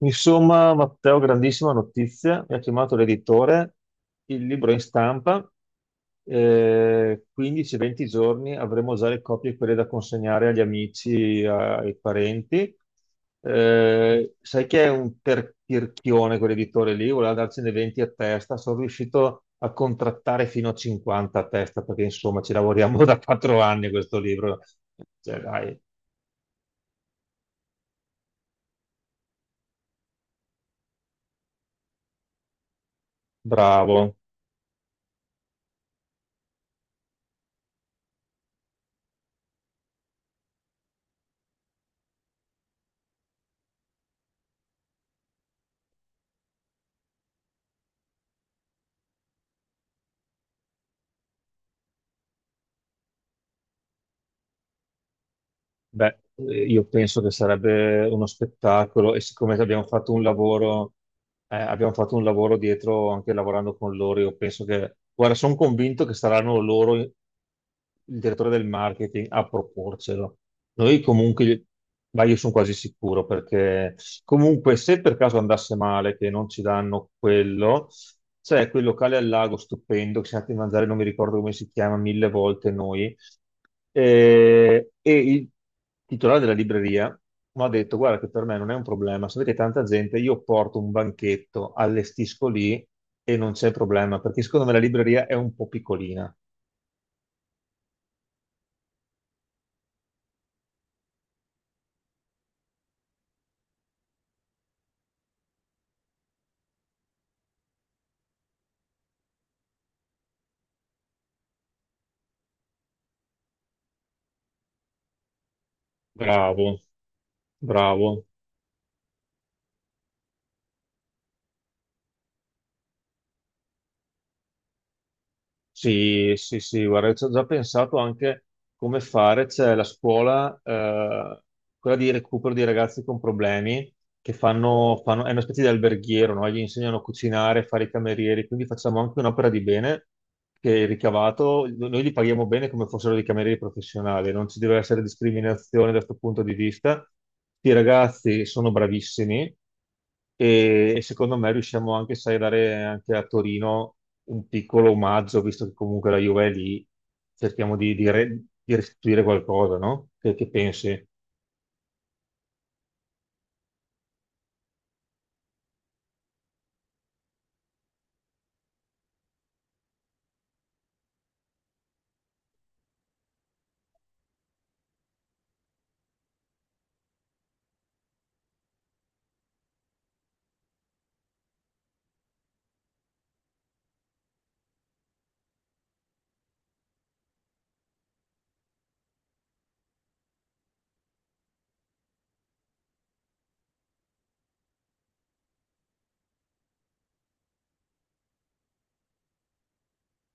Insomma, Matteo, grandissima notizia, mi ha chiamato l'editore, il libro è in stampa, 15-20 giorni avremo già le copie quelle da consegnare agli amici, ai parenti. Sai che è un tirchione quell'editore lì, voleva darcene 20 a testa, sono riuscito a contrattare fino a 50 a testa perché insomma ci lavoriamo da 4 anni a questo libro. Cioè, dai, bravo. Beh, io penso che sarebbe uno spettacolo e siccome abbiamo fatto un lavoro dietro anche lavorando con loro, io penso che, guarda, sono convinto che saranno loro, il direttore del marketing, a proporcelo. Noi comunque, ma io sono quasi sicuro perché comunque se per caso andasse male che non ci danno quello, c'è quel locale al lago stupendo che siamo andati a mangiare, non mi ricordo come si chiama, mille volte noi e il titolare della libreria mi ha detto: Guarda, che per me non è un problema. Sapete, tanta gente, io porto un banchetto, allestisco lì e non c'è problema perché secondo me la libreria è un po' piccolina. Bravo, bravo. Sì, sì, sì, guarda, ci ho già pensato anche come fare. C'è la scuola, quella di recupero di ragazzi con problemi che è una specie di alberghiero, no? Gli insegnano a cucinare, a fare i camerieri, quindi facciamo anche un'opera di bene che il ricavato, noi li paghiamo bene come fossero dei camerieri professionali, non ci deve essere discriminazione da questo punto di vista. I ragazzi sono bravissimi e secondo me riusciamo anche, sai, a dare anche a Torino un piccolo omaggio, visto che comunque la Juve è lì, cerchiamo di restituire qualcosa, no? Che pensi?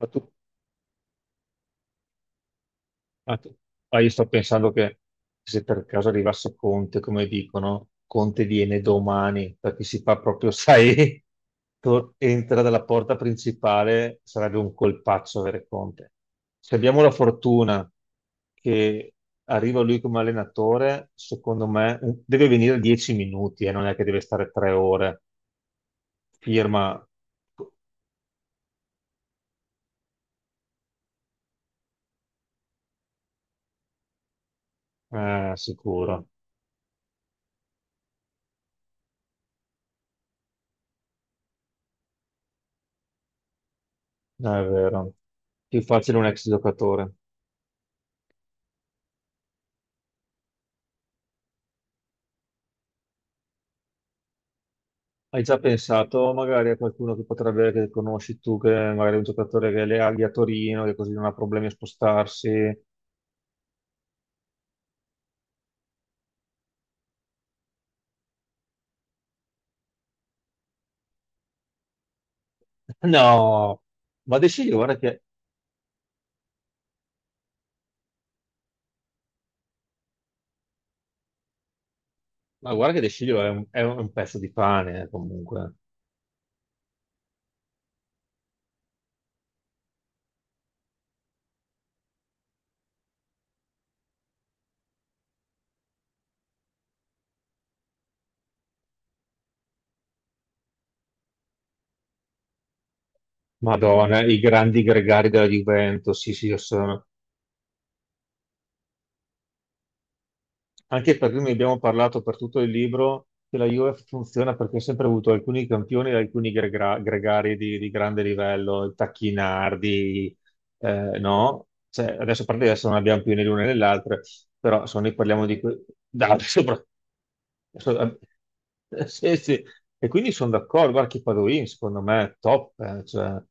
Ma tu, ma tu- io sto pensando che se per caso arrivasse Conte, come dicono, Conte viene domani, perché si fa proprio, sai, entra dalla porta principale, sarebbe un colpaccio avere Conte. Se abbiamo la fortuna che arriva lui come allenatore, secondo me deve venire 10 minuti e non è che deve stare tre ore. Firma. Eh, sicuro. No, è vero. Più facile un ex giocatore. Hai già pensato magari a qualcuno che potrebbe, che conosci tu, che magari è un giocatore che le aghi a Torino, che così non ha problemi a spostarsi? No, ma De Sciglio, guarda che, ma guarda che De Sciglio è un pezzo di pane, comunque. Madonna, i grandi gregari della Juventus, sì, sì, io sono. Anche perché ne abbiamo parlato per tutto il libro che la Juve funziona perché ha sempre avuto alcuni campioni e alcuni gregari di grande livello, il Tacchinardi, no? Cioè, adesso per adesso non abbiamo più né l'una né l'altra, però se noi parliamo di... Dai, sopra... So- Sì, sì. E quindi sono d'accordo, guarda che Padoin secondo me è top, cioè,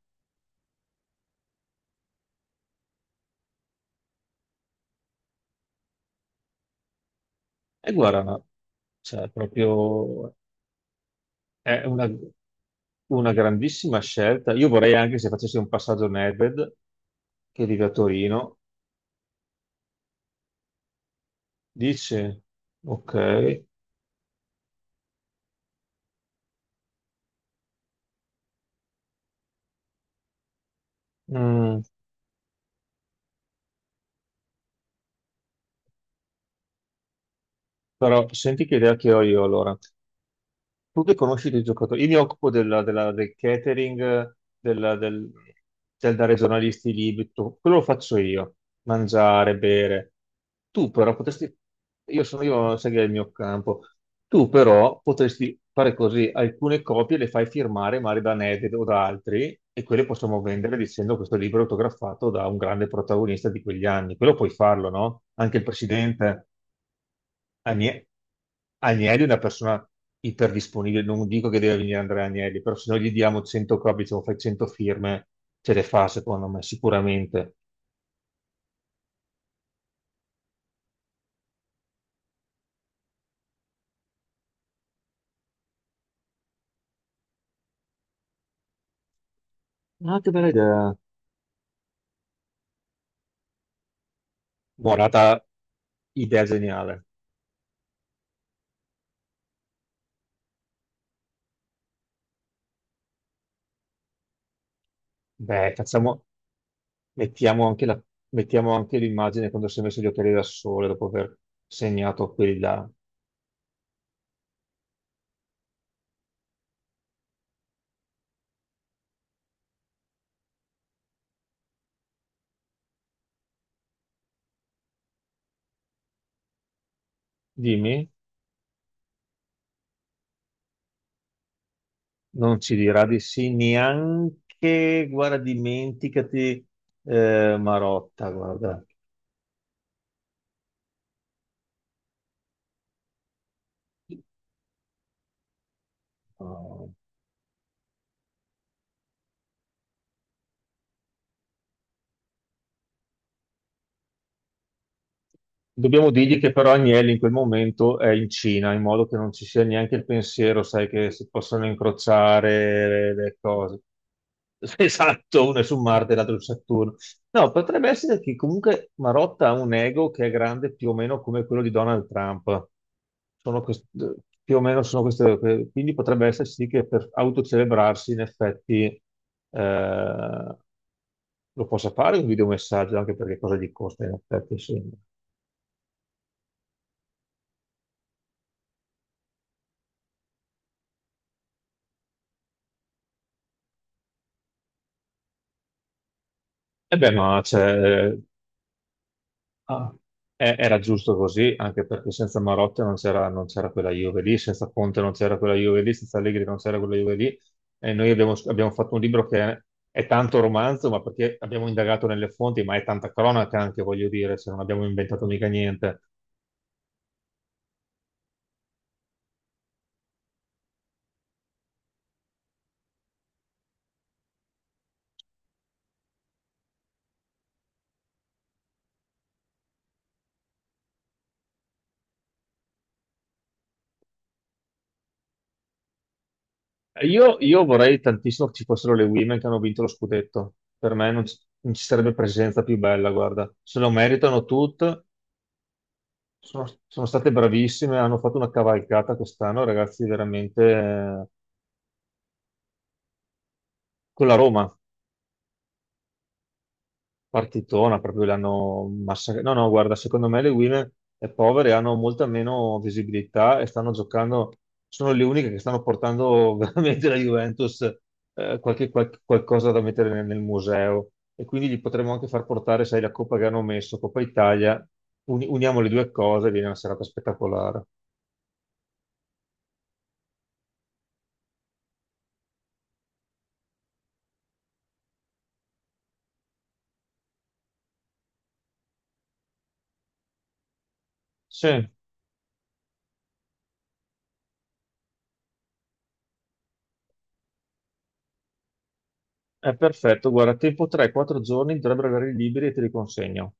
e guarda, no, cioè, proprio è una grandissima scelta. Io vorrei anche se facessi un passaggio Nedved, che vive a Torino. Dice, ok, Mm, però senti che idea che ho io allora. Tu che conosci dei giocatori, io mi occupo del catering, del dare ai giornalisti i libri, tutto. Quello lo faccio io, mangiare, bere. Tu però potresti, io sono io, sai che è il mio campo, tu però potresti fare così, alcune copie le fai firmare magari da Ned o da altri e quelle possiamo vendere dicendo questo libro è autografato da un grande protagonista di quegli anni, quello puoi farlo, no? Anche il presidente. Agne- Agnelli è una persona iperdisponibile, non dico che deve venire Andrea Agnelli, però se noi gli diamo 100 copie, diciamo fai 100 firme, ce le fa secondo me, sicuramente. Ah, che bella idea. Morata, idea geniale. Beh, facciamo, mettiamo anche la- mettiamo anche l'immagine quando si è messo gli occhiali da sole dopo aver segnato quelli là. Dimmi, non ci dirà di sì neanche, guarda, dimenticati Marotta, guarda. No. Dobbiamo dirgli che però Agnelli in quel momento è in Cina, in modo che non ci sia neanche il pensiero, sai, che si possono incrociare le cose. Esatto, uno è su Marte e l'altro su Saturno. No, potrebbe essere che comunque Marotta ha un ego che è grande più o meno come quello di Donald Trump. Sono quest- più o meno sono queste, quindi potrebbe essere sì che per autocelebrarsi in effetti eh, lo possa fare un videomessaggio, anche perché cosa gli costa in effetti, sì. E beh, ma cioè, ah, era giusto così, anche perché senza Marotta non c'era quella Juve lì, senza Conte non c'era quella Juve lì, senza Allegri non c'era quella Juve lì. E noi abbiamo fatto un libro che è, tanto romanzo, ma perché abbiamo indagato nelle fonti, ma è tanta cronaca anche, voglio dire, se non abbiamo inventato mica niente. Io vorrei tantissimo che ci fossero le women che hanno vinto lo scudetto. Per me non ci sarebbe presenza più bella, guarda. Se lo meritano tutte, sono, sono state bravissime, hanno fatto una cavalcata quest'anno, ragazzi, veramente con la Roma, partitona, proprio l'hanno massacrata. No, no, guarda, secondo me le Women è povere, hanno molta meno visibilità e stanno giocando, sono le uniche che stanno portando veramente la Juventus qualcosa da mettere nel museo e quindi gli potremmo anche far portare, sai, la Coppa che hanno messo, Coppa Italia, uniamo le due cose, viene una serata spettacolare. Sì. È perfetto, guarda, tempo 3-4 giorni dovrebbero avere liberi e te li consegno.